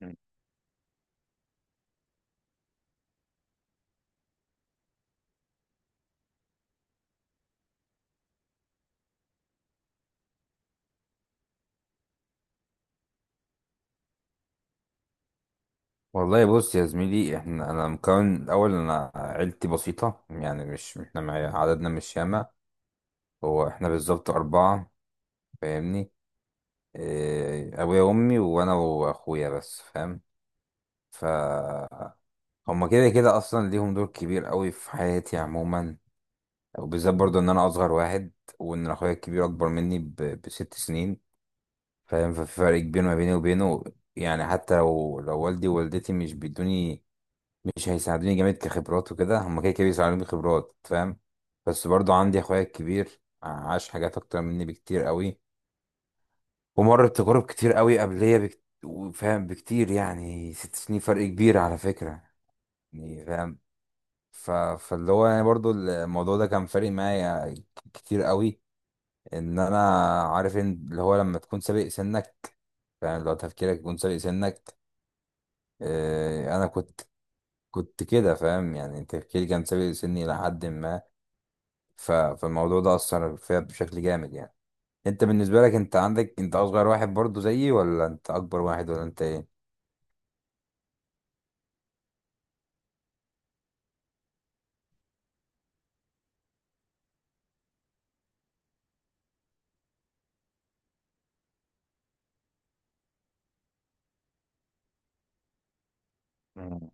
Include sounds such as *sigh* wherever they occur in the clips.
مم. والله بص يا زميلي، احنا انا مكون الاول انا عيلتي بسيطه، يعني مش احنا عددنا مش ياما. هو احنا بالظبط اربعه، فاهمني؟ إيه، ابويا وامي وانا واخويا بس، فاهم. ف هما كده كده اصلا ليهم دور كبير قوي في حياتي عموما، وبالذات برضه ان انا اصغر واحد، وان اخويا الكبير اكبر مني ب6 سنين. فاهم، ففي فرق كبير ما بيني وبينه. يعني حتى لو والدي ووالدتي مش بيدوني، مش هيساعدوني جامد كخبرات وكده، هما كده كده بيساعدوني خبرات، فاهم. بس برضو عندي اخويا الكبير عاش حاجات اكتر مني بكتير قوي، ومر بتجارب كتير قوي فاهم، بكتير، يعني 6 سنين فرق كبير على فكرة. يعني فاهم. فاللي هو يعني برضو الموضوع ده كان فارق معايا كتير قوي. ان انا عارف ان اللي هو لما تكون سابق سنك، فاهم، لو تفكيرك يكون سابق سنك. آه، انا كنت كده، فاهم، يعني تفكيري كان سابق سني لحد ما. فالموضوع ده اثر فيها بشكل جامد يعني. انت بالنسبه لك، انت عندك، انت اصغر واحد برضو زيي، ولا انت اكبر واحد، ولا انت ايه؟ مم.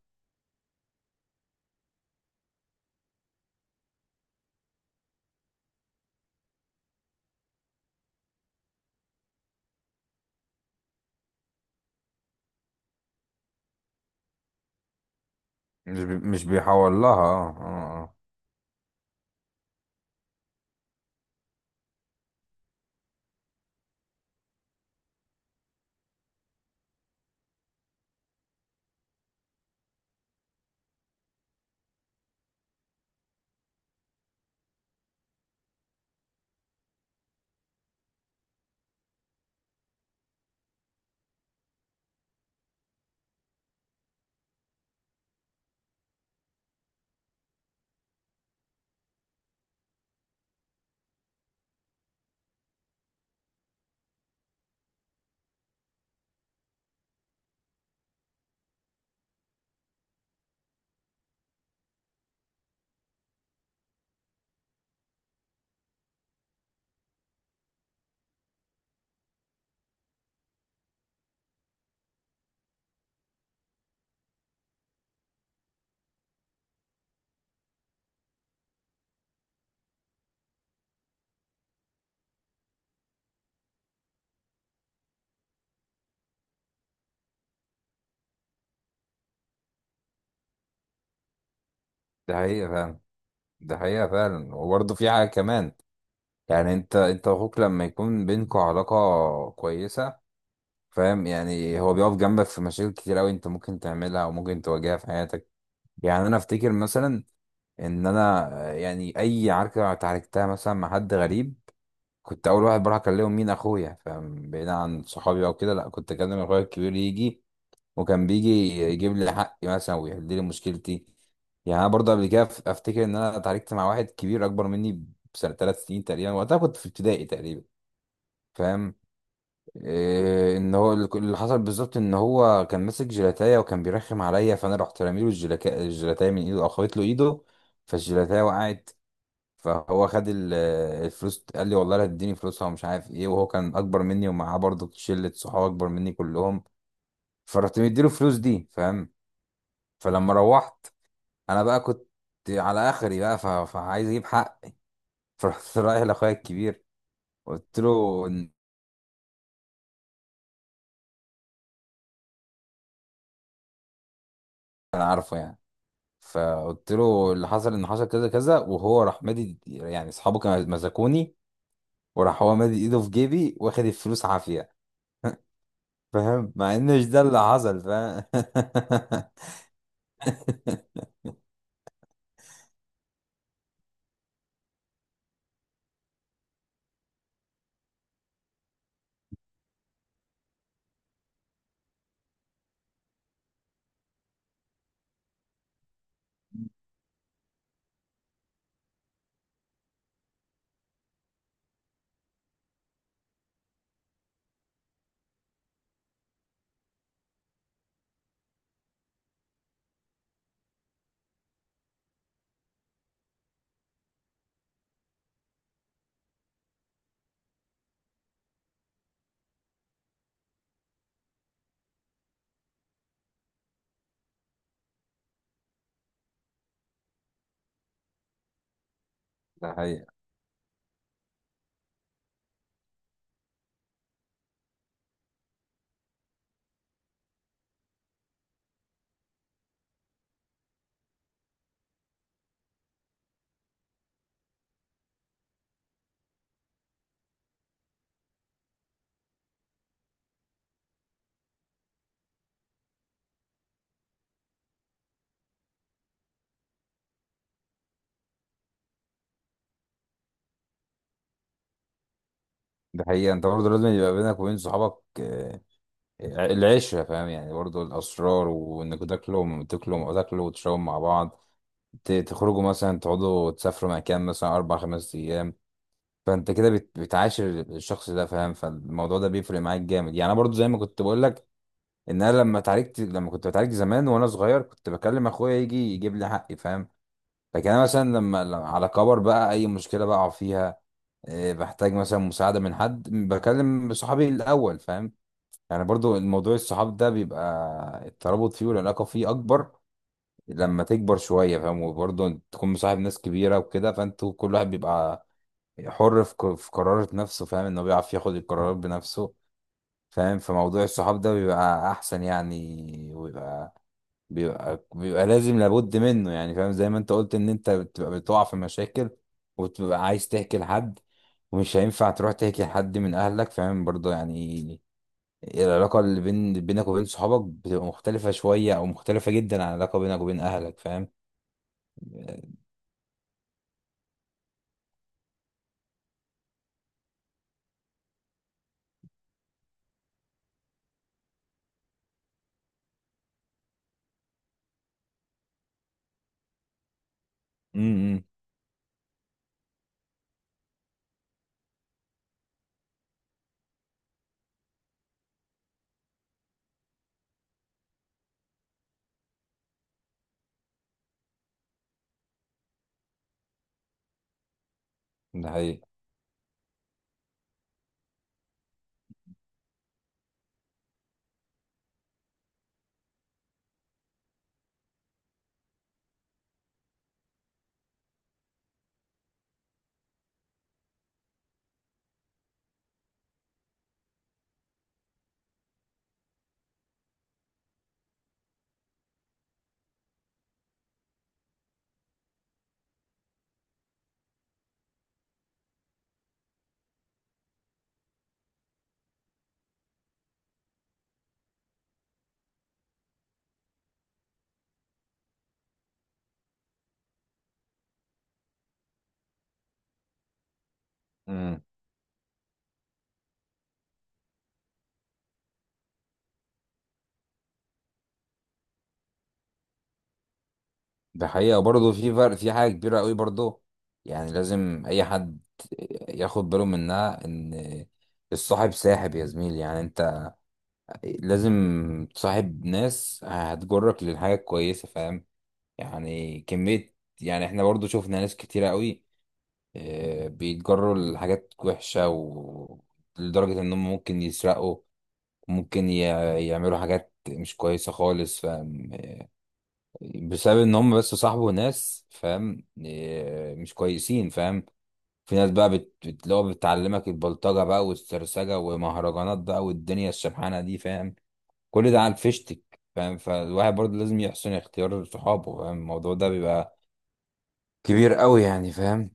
مش بيحول لها، اه. ده حقيقه فعلا. ده حقيقه فعلا، وبرضو في حاجه كمان. يعني انت واخوك لما يكون بينكوا علاقه كويسه، فاهم، يعني هو بيقف جنبك في مشاكل كتير قوي انت ممكن تعملها وممكن تواجهها في حياتك. يعني انا افتكر مثلا ان انا، آه، يعني اي عركه اتعاركتها مثلا مع حد غريب، كنت اول واحد بروح اكلمهم مين اخويا، فبعيد عن صحابي او كده، لا، كنت اكلم اخويا الكبير يجي. وكان بيجي يجيب لي حقي مثلا ويحل لي مشكلتي. يعني انا برضه قبل كده افتكر ان انا اتعاركت مع واحد كبير اكبر مني 3 سنين تقريبا، وقتها كنت في ابتدائي تقريبا. فاهم، إيه، ان هو اللي حصل بالظبط ان هو كان ماسك جيلاتايه وكان بيرخم عليا، فانا رحت رامي له الجيلاتايه من ايده او خبطت له ايده، فالجيلاتايه وقعت. فهو خد الفلوس، قال لي والله لا تديني فلوسها ومش عارف ايه، وهو كان اكبر مني ومعاه برضه شله صحاب اكبر مني كلهم. فرحت مديله الفلوس دي، فاهم. فلما روحت، انا بقى كنت على اخري بقى، فعايز اجيب حق. فرحت *laughs* رايح لاخويا الكبير، قلت له إن انا عارفه يعني. فقلت له اللي حصل ان حصل كذا كذا، وهو راح مادي، يعني اصحابه كانوا مزكوني، وراح هو مادي ايده في جيبي واخد الفلوس عافيه، فاهم، مع ان مش ده اللي حصل، فاهم. *laughs* ده حقيقة. ده حقيقة، انت برضه لازم يبقى بينك وبين صحابك، آه، العشرة، فاهم، يعني برضه الأسرار وإنك تاكلوا وتشربوا مع بعض، تخرجوا مثلا، تقعدوا تسافروا مكان مثلا 4 5 أيام. فأنت كده بتعاشر الشخص ده، فاهم، فالموضوع ده بيفرق معاك جامد. يعني أنا برضه زي ما كنت بقول لك، إن أنا لما اتعالجت، لما كنت بتعالج زمان وأنا صغير، كنت بكلم أخويا يجي يجيب لي حقي، فاهم. لكن أنا مثلا لما على كبر بقى، أي مشكلة بقع فيها، آه، بحتاج مثلا مساعدة من حد، بكلم صحابي الأول، فاهم. يعني برضو الموضوع الصحاب ده بيبقى الترابط فيه والعلاقة فيه أكبر لما تكبر شوية، فاهم، وبرضو تكون مصاحب ناس كبيرة وكده، فانتوا كل واحد بيبقى حر في في قرارة نفسه، فاهم، إنه بيعرف ياخد القرارات بنفسه، فاهم. فموضوع الصحاب ده بيبقى أحسن يعني، وبيبقى بيبقى لازم، لابد منه يعني، فاهم. زي ما أنت قلت إن أنت بتبقى بتقع في مشاكل وتبقى عايز تحكي لحد، ومش هينفع تروح تحكي لحد من أهلك، فاهم، برضو يعني العلاقة اللي بينك وبين صحابك بتبقى مختلفة شوية، أو مختلفة جدا عن العلاقة بينك وبين أهلك، فاهم؟ امم، ده حقيقة. امم، ده حقيقة، برضه في فرق في حاجة كبيرة قوي برضه. يعني لازم أي حد ياخد باله منها، إن الصاحب ساحب يا زميلي، يعني أنت لازم تصاحب ناس هتجرك للحاجة الكويسة، فاهم؟ يعني كمية. يعني احنا برضه شفنا ناس كتيرة قوي، آه، بيتجروا لحاجات وحشة، ولدرجة إنهم ممكن يسرقوا، ممكن يعملوا حاجات مش كويسة خالص، فاهم، بسبب إن هم بس صاحبوا ناس، فاهم، آه، مش كويسين، فاهم. في ناس بقى اللي هو بتعلمك البلطجة بقى والسرسجة ومهرجانات بقى والدنيا الشبحانة دي، فاهم. كل ده على الفيشتك، فاهم. فالواحد برضه لازم يحسن اختيار صحابه، فاهم، الموضوع ده بيبقى كبير قوي يعني، فاهم.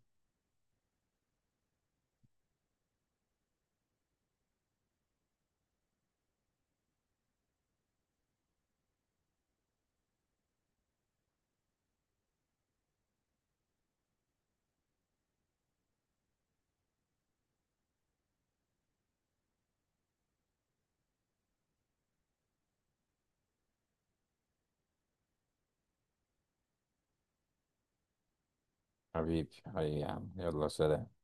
حبيبي حبيبي يا عم، يلا سلام.